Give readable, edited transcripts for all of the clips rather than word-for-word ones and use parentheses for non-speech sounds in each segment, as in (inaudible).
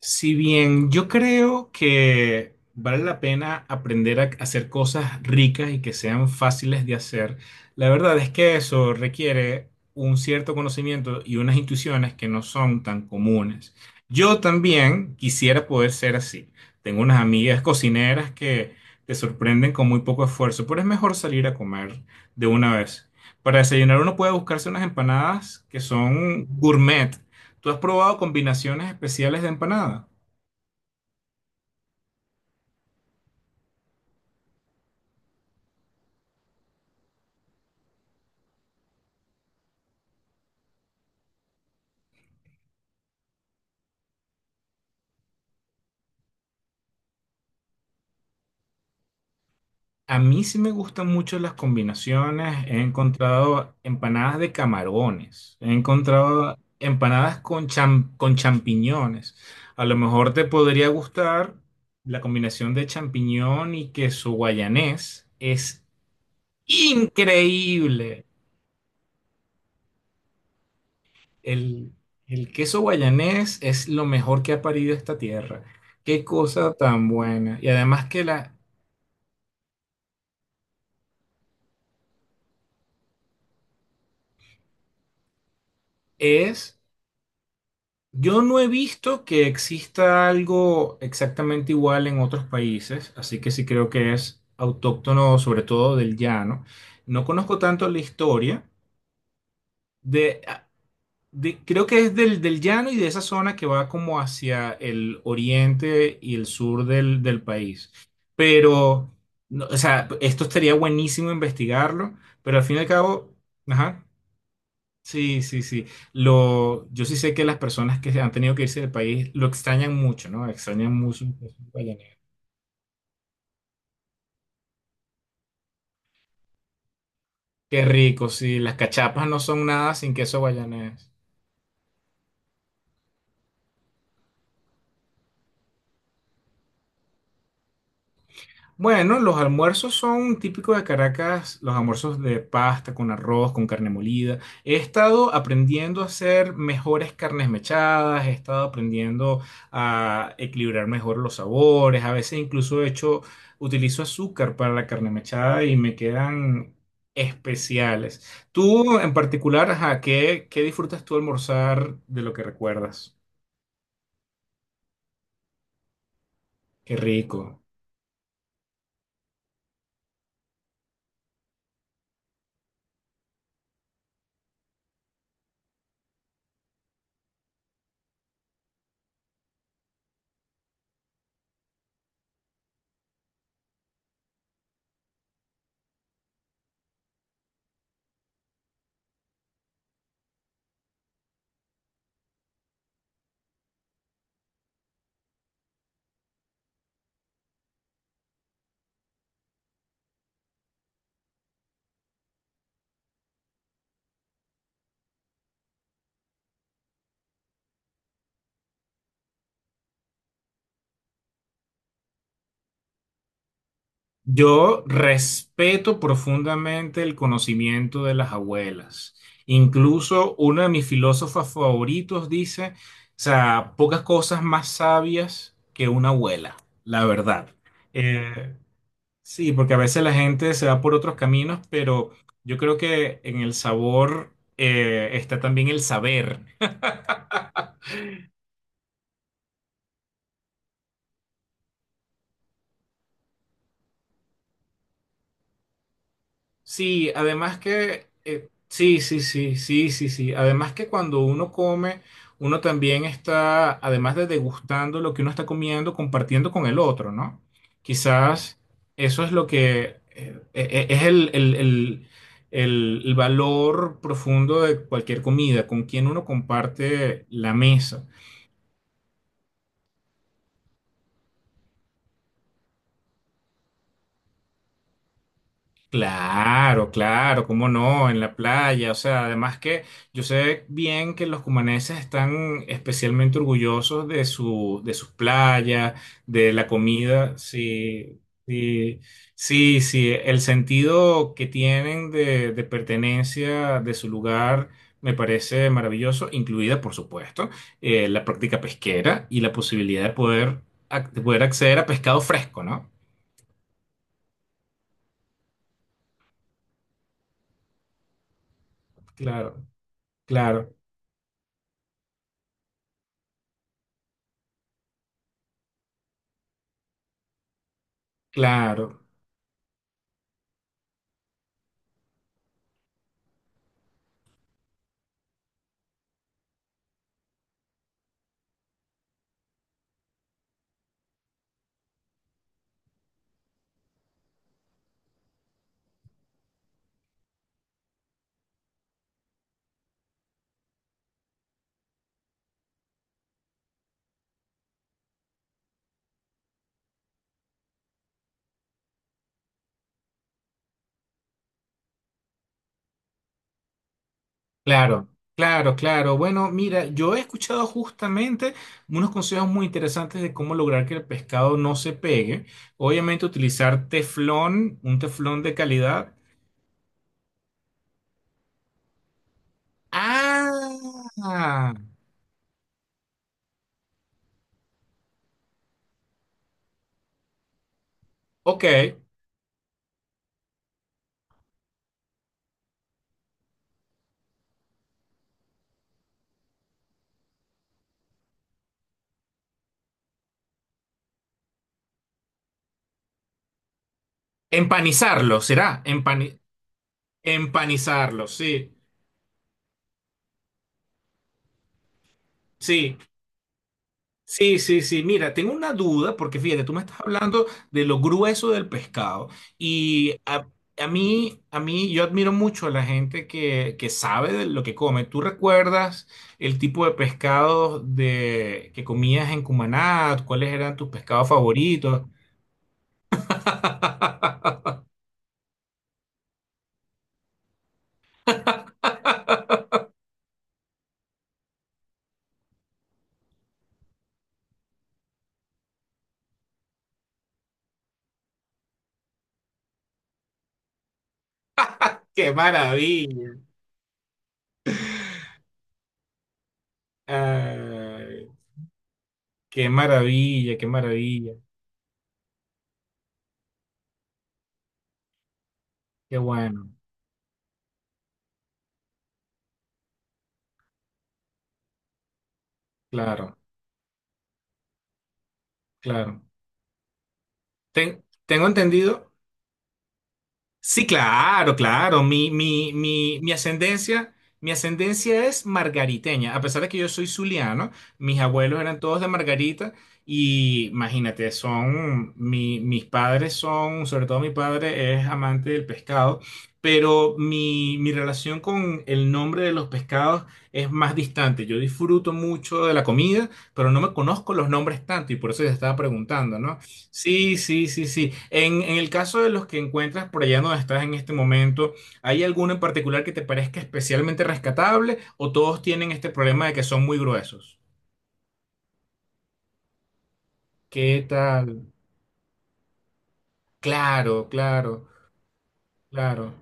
Si bien yo creo que vale la pena aprender a hacer cosas ricas y que sean fáciles de hacer, la verdad es que eso requiere un cierto conocimiento y unas intuiciones que no son tan comunes. Yo también quisiera poder ser así. Tengo unas amigas cocineras que te sorprenden con muy poco esfuerzo, pero es mejor salir a comer de una vez. Para desayunar uno puede buscarse unas empanadas que son gourmet. ¿Tú has probado combinaciones especiales de empanada? A mí sí me gustan mucho las combinaciones. He encontrado empanadas de camarones. He encontrado empanadas con champiñones. A lo mejor te podría gustar la combinación de champiñón y queso guayanés. Es increíble. El, el queso guayanés es lo mejor que ha parido esta tierra. Qué cosa tan buena. Y además que la es. Yo no he visto que exista algo exactamente igual en otros países, así que sí creo que es autóctono, sobre todo del llano. No conozco tanto la historia de, ah, de creo que es del llano y de esa zona que va como hacia el oriente y el sur del país. Pero, no, o sea, esto estaría buenísimo investigarlo, pero al fin y al cabo, ajá. Sí, sí, sí. Lo, yo sí sé que las personas que han tenido que irse del país lo extrañan mucho, ¿no? Extrañan mucho el queso guayanés. Qué rico, sí. Las cachapas no son nada sin queso guayanés. Bueno, los almuerzos son típicos de Caracas, los almuerzos de pasta con arroz, con carne molida. He estado aprendiendo a hacer mejores carnes mechadas, he estado aprendiendo a equilibrar mejor los sabores, a veces incluso he hecho, utilizo azúcar para la carne mechada y me quedan especiales. Tú en particular, ajá, ¿qué, qué disfrutas tú almorzar de lo que recuerdas? Qué rico. Yo respeto profundamente el conocimiento de las abuelas. Incluso uno de mis filósofos favoritos dice, o sea, pocas cosas más sabias que una abuela, la verdad. Eh, sí, porque a veces la gente se va por otros caminos, pero yo creo que en el sabor está también el saber. Sí, además que, sí, sí, sí, sí, sí, sí. Además que cuando uno come, uno también está, además de degustando lo que uno está comiendo, compartiendo con el otro, ¿no? Quizás eso es lo que es el valor profundo de cualquier comida, con quien uno comparte la mesa. Claro, claro, cómo no, en la playa, o sea, además que yo sé bien que los cumaneses están especialmente orgullosos de de sus playas, de la comida, sí, sí, sí, sí, el sentido que tienen de pertenencia de su lugar me parece maravilloso, incluida, por supuesto, la práctica pesquera y la posibilidad de poder, de poder acceder a pescado fresco, ¿no? Claro, claro, claro. Claro, claro, claro. Bueno, mira, yo he escuchado justamente unos consejos muy interesantes de cómo lograr que el pescado no se pegue. Obviamente utilizar teflón, un teflón de calidad. Ah, ok. Empanizarlo, ¿será? Empanizarlo, sí. Sí, sí, sí, sí. Mira, tengo una duda porque fíjate, tú me estás hablando de lo grueso del pescado y a mí, yo admiro mucho a la gente que sabe de lo que come. ¿Tú recuerdas el tipo de pescado de, que comías en Cumaná? ¿Cuáles eran tus pescados favoritos? (laughs) ¡Qué maravilla! Ay, ¡qué maravilla, qué maravilla! ¡Qué bueno! Claro, claro. Tengo entendido. Sí, claro, claro. Mi ascendencia, mi ascendencia es margariteña. A pesar de que yo soy zuliano, mis abuelos eran todos de Margarita. Y imagínate, son, mis padres son, sobre todo mi padre es amante del pescado, pero mi relación con el nombre de los pescados es más distante. Yo disfruto mucho de la comida, pero no me conozco los nombres tanto y por eso te estaba preguntando, ¿no? Sí, sí, sí, sí. En el caso de los que encuentras por allá donde estás en este momento, ¿hay alguno en particular que te parezca especialmente rescatable o todos tienen este problema de que son muy gruesos? ¿Qué tal? Claro, claro, claro.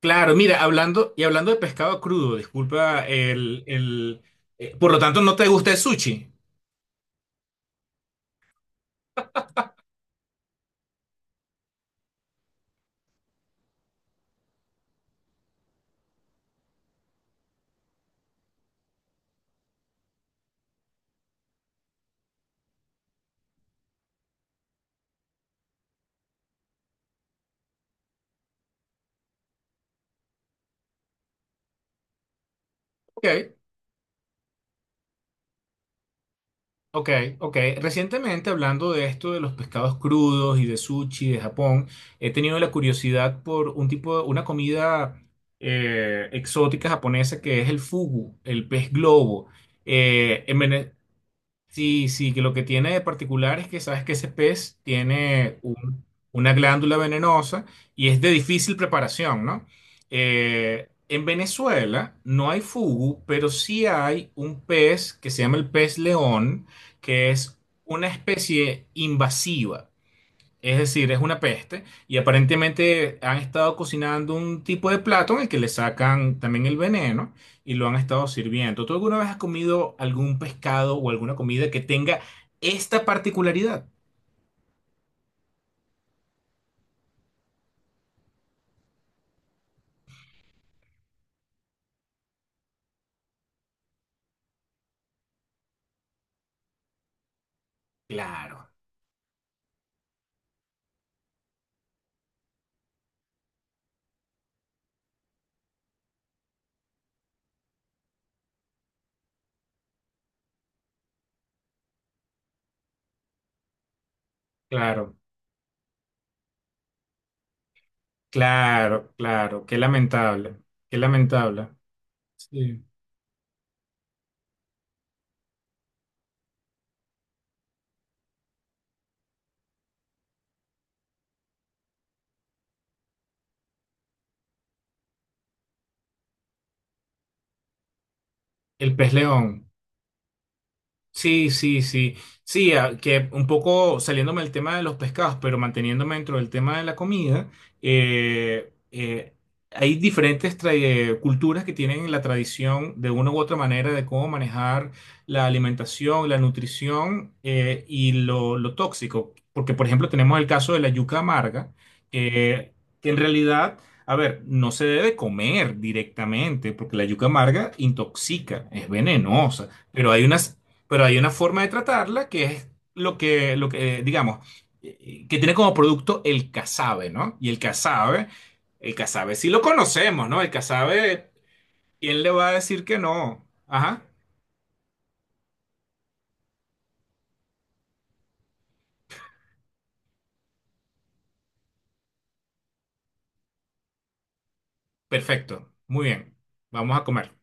Claro, mira, hablando y hablando de pescado crudo, disculpa el, por lo tanto, ¿no te gusta el sushi? Ok. Ok, ok. Recientemente, hablando de esto de los pescados crudos y de sushi de Japón, he tenido la curiosidad por un tipo de, una comida exótica japonesa que es el fugu, el pez globo. Eh, en Vene- Sí, sí, que lo que tiene de particular es que sabes que ese pez tiene una glándula venenosa y es de difícil preparación, ¿no? En Venezuela no hay fugu, pero sí hay un pez que se llama el pez león, que es una especie invasiva. Es decir, es una peste y aparentemente han estado cocinando un tipo de plato en el que le sacan también el veneno y lo han estado sirviendo. ¿Tú alguna vez has comido algún pescado o alguna comida que tenga esta particularidad? Claro, claro, claro, claro. Qué lamentable, qué lamentable. Sí. El pez león. Sí, sí, sí. Sí, que un poco saliéndome del tema de los pescados, pero manteniéndome dentro del tema de la comida, eh, eh, hay diferentes culturas que tienen la tradición de una u otra manera de cómo manejar la alimentación, la nutrición y lo tóxico. Porque, por ejemplo, tenemos el caso de la yuca amarga, eh, que en realidad... A ver, no se debe comer directamente porque la yuca amarga intoxica, es venenosa, pero hay unas pero hay una forma de tratarla que es lo que, digamos, que tiene como producto el casabe, ¿no? Y el casabe sí lo conocemos, ¿no? El casabe, ¿quién le va a decir que no? Ajá, perfecto, muy bien, vamos a comer.